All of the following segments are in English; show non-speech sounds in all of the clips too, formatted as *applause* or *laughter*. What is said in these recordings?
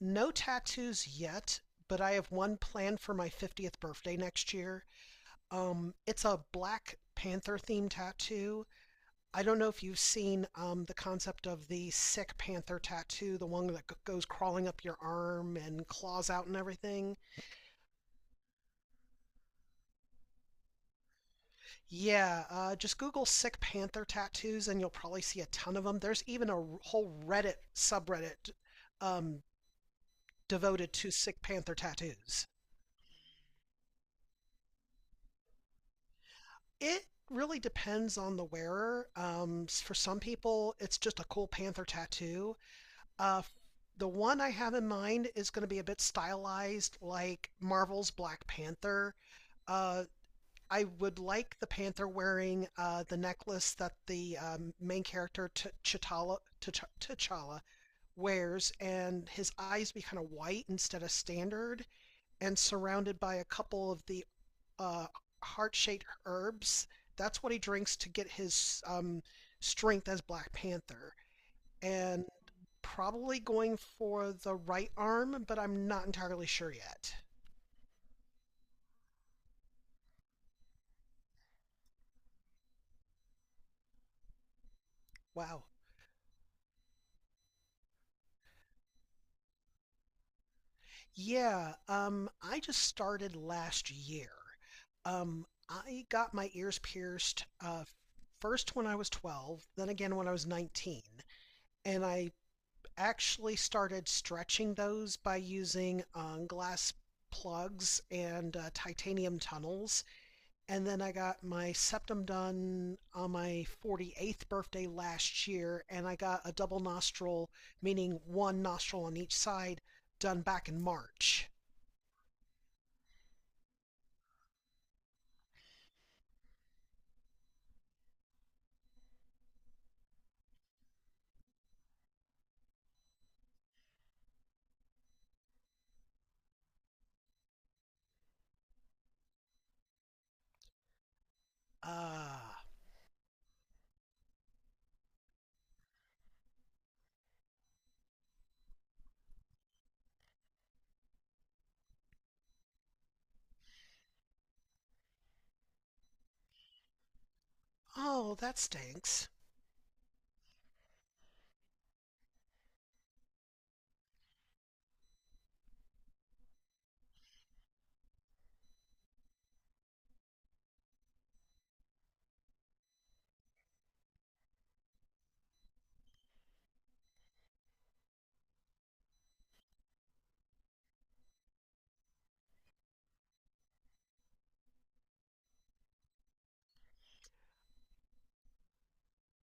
No tattoos yet, but I have one planned for my 50th birthday next year. It's a Black Panther themed tattoo. I don't know if you've seen the concept of the sick panther tattoo, the one that goes crawling up your arm and claws out and everything. Yeah, just Google sick panther tattoos and you'll probably see a ton of them. There's even a whole Reddit subreddit um, devoted to sick panther tattoos. It really depends on the wearer. For some people, it's just a cool panther tattoo. Uh, the one I have in mind is going to be a bit stylized, like Marvel's Black Panther. Uh, I would like the panther wearing the necklace that the main character T'Challa wears, and his eyes be kind of white instead of standard, and surrounded by a couple of the uh, heart-shaped herbs. That's what he drinks to get his strength as Black Panther. And probably going for the right arm, but I'm not entirely sure yet. Wow. Yeah, I just started last year. I got my ears pierced first when I was 12, then again when I was 19. And I actually started stretching those by using glass plugs and titanium tunnels. And then I got my septum done on my 48th birthday last year, and I got a double nostril, meaning one nostril on each side, done back in March. Uh, oh, that stinks.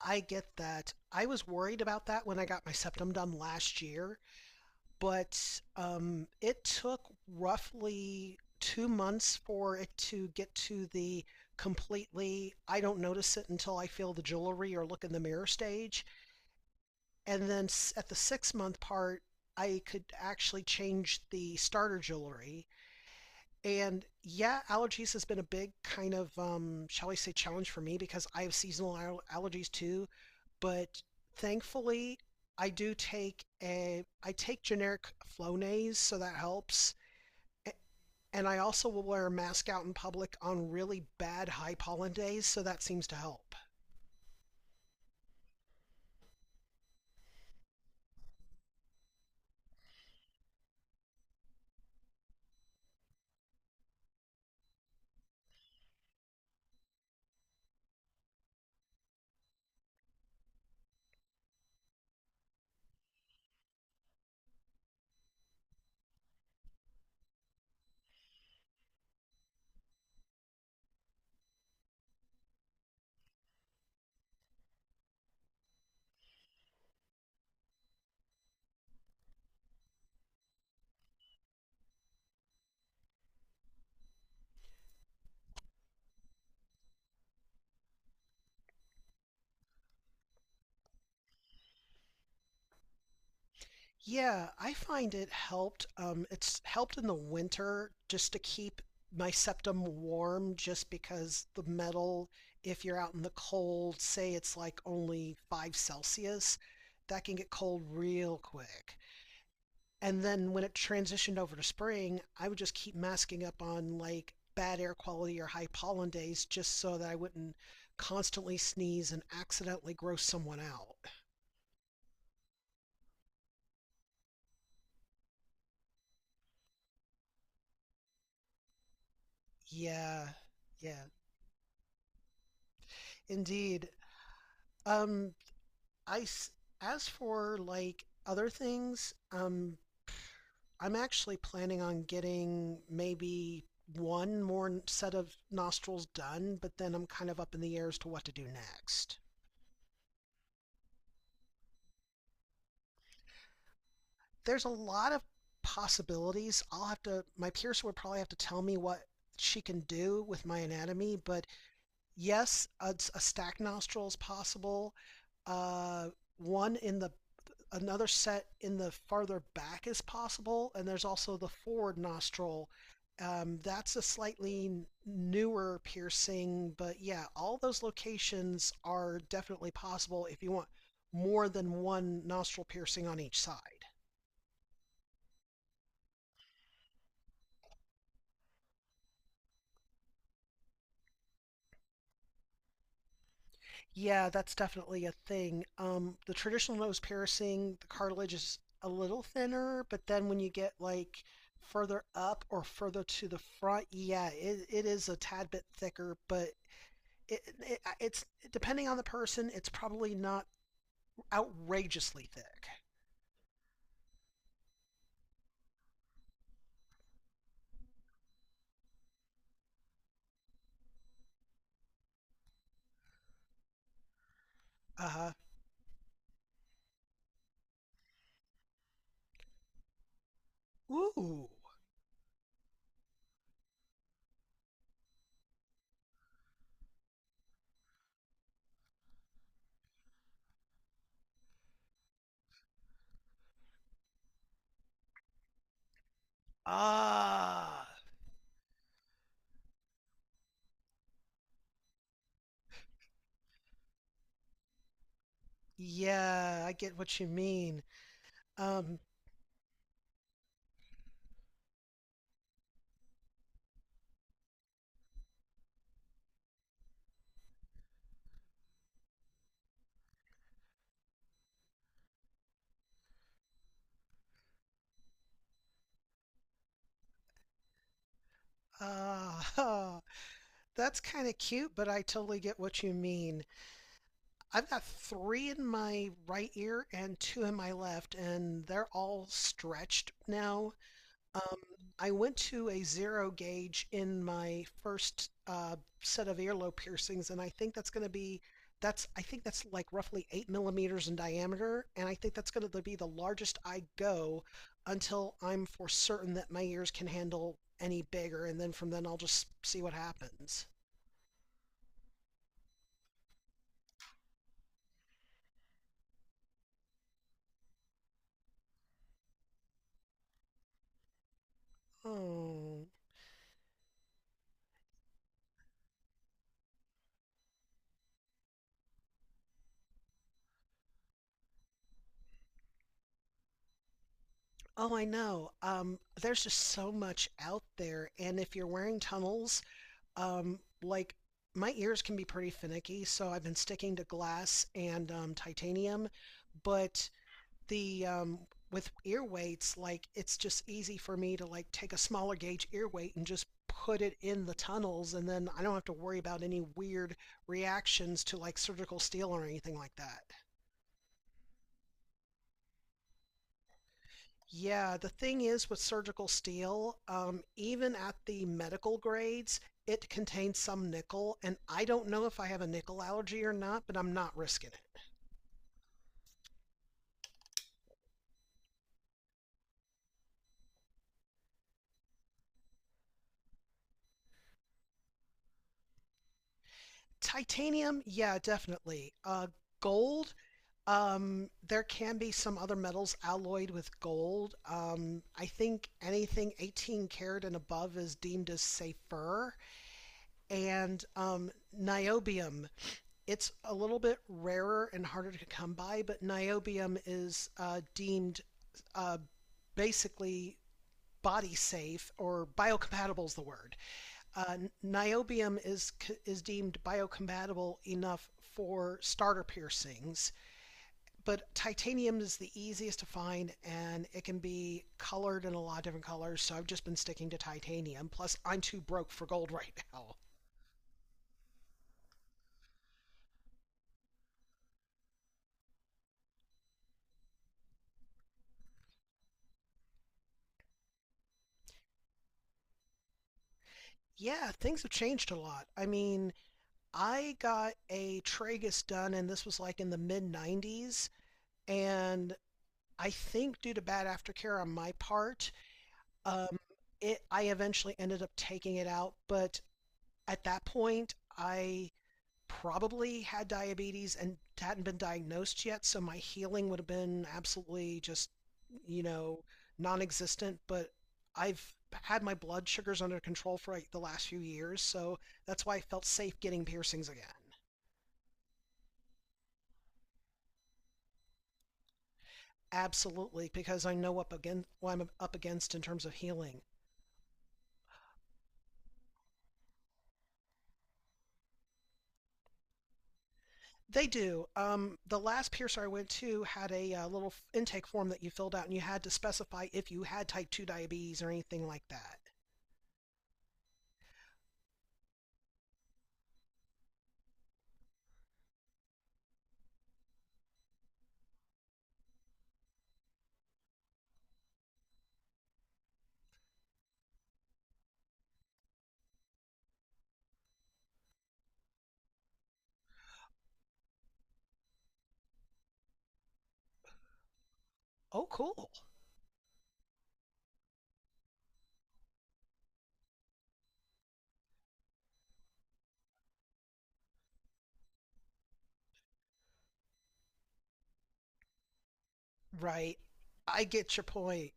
I get that. I was worried about that when I got my septum done last year but it took roughly 2 months for it to get to the completely I don't notice it until I feel the jewelry or look in the mirror stage. And then at the 6 month part, I could actually change the starter jewelry, and yeah, allergies has been a big kind of, shall we say, challenge for me because I have seasonal allergies too. But thankfully, I take generic Flonase, so that helps. A- And I also will wear a mask out in public on really bad high pollen days, so that seems to help. Yeah, I find it helped. It's helped in the winter just to keep my septum warm, just because the metal, if you're out in the cold, say it's like only 5 Celsius, that can get cold real quick. And then when it transitioned over to spring, I would just keep masking up on like bad air quality or high pollen days just so that I wouldn't constantly sneeze and accidentally gross someone out. Yeah, yeah, indeed. Um, I As for like other things, I'm actually planning on getting maybe one more set of nostrils done, but then I'm kind of up in the air as to what to do next. There's a lot of possibilities. I'll have to. My piercer would probably have to tell me what she can do with my anatomy, but yes, a stack nostril is possible. Uh, one in the Another set in the farther back is possible, and there's also the forward nostril. That's a slightly newer piercing, but yeah, all those locations are definitely possible if you want more than one nostril piercing on each side. Yeah, that's definitely a thing. The traditional nose piercing, the cartilage is a little thinner, but then when you get like further up or further to the front, yeah, it is a tad bit thicker, but it's depending on the person, it's probably not outrageously thick. Uh huh. Ooh. Ah. Yeah, I get what you mean. Um. Uh, *laughs* that's kind of cute, but I totally get what you mean. I've got three in my right ear and two in my left, and they're all stretched now. Um, I went to a zero gauge in my first set of earlobe piercings, and I think that's going to be that's I think that's like roughly 8 millimeters in diameter, and I think that's going to be the largest I go until I'm for certain that my ears can handle any bigger, and then from then I'll just see what happens. Oh, oh, I know. There's just so much out there, and if you're wearing tunnels, like my ears can be pretty finicky, so I've been sticking to glass and titanium. But the with ear weights, like it's just easy for me to like take a smaller gauge ear weight and just put it in the tunnels, and then I don't have to worry about any weird reactions to like surgical steel or anything like that. Yeah, the thing is with surgical steel, even at the medical grades, it contains some nickel, and I don't know if I have a nickel allergy or not, but I'm not risking it. Titanium, yeah, definitely. Gold, there can be some other metals alloyed with gold. I think anything 18 karat and above is deemed as safer. And niobium. It's a little bit rarer and harder to come by, but niobium is deemed uh, basically body safe, or biocompatible is the word. Uh, Niobium is deemed biocompatible enough for starter piercings, but titanium is the easiest to find and it can be colored in a lot of different colors. So I've just been sticking to titanium. Plus, I'm too broke for gold *laughs* right now. Yeah, things have changed a lot. I mean, I got a tragus done, and this was like in the mid 90s. And I think due to bad aftercare on my part, um, it I eventually ended up taking it out. But at that point, I probably had diabetes and hadn't been diagnosed yet, so my healing would have been absolutely just, you know, non-existent. But I've had my blood sugars under control for like the last few years, so that's why I felt safe getting piercings again. Absolutely, because I know up again what I'm up against in terms of healing. They do. The last piercer I went to had a little intake form that you filled out, and you had to specify if you had type 2 diabetes or anything like that. Oh, cool. Right. I get your point.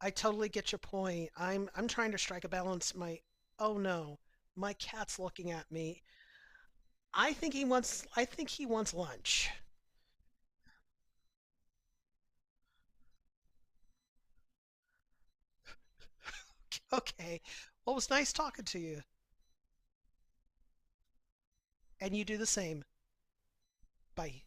I totally get your point. I'm trying to strike a balance. My Oh no, my cat's looking at me. I think he wants lunch. *laughs* Okay. Well, it was nice talking to you, and you do the same. Bye.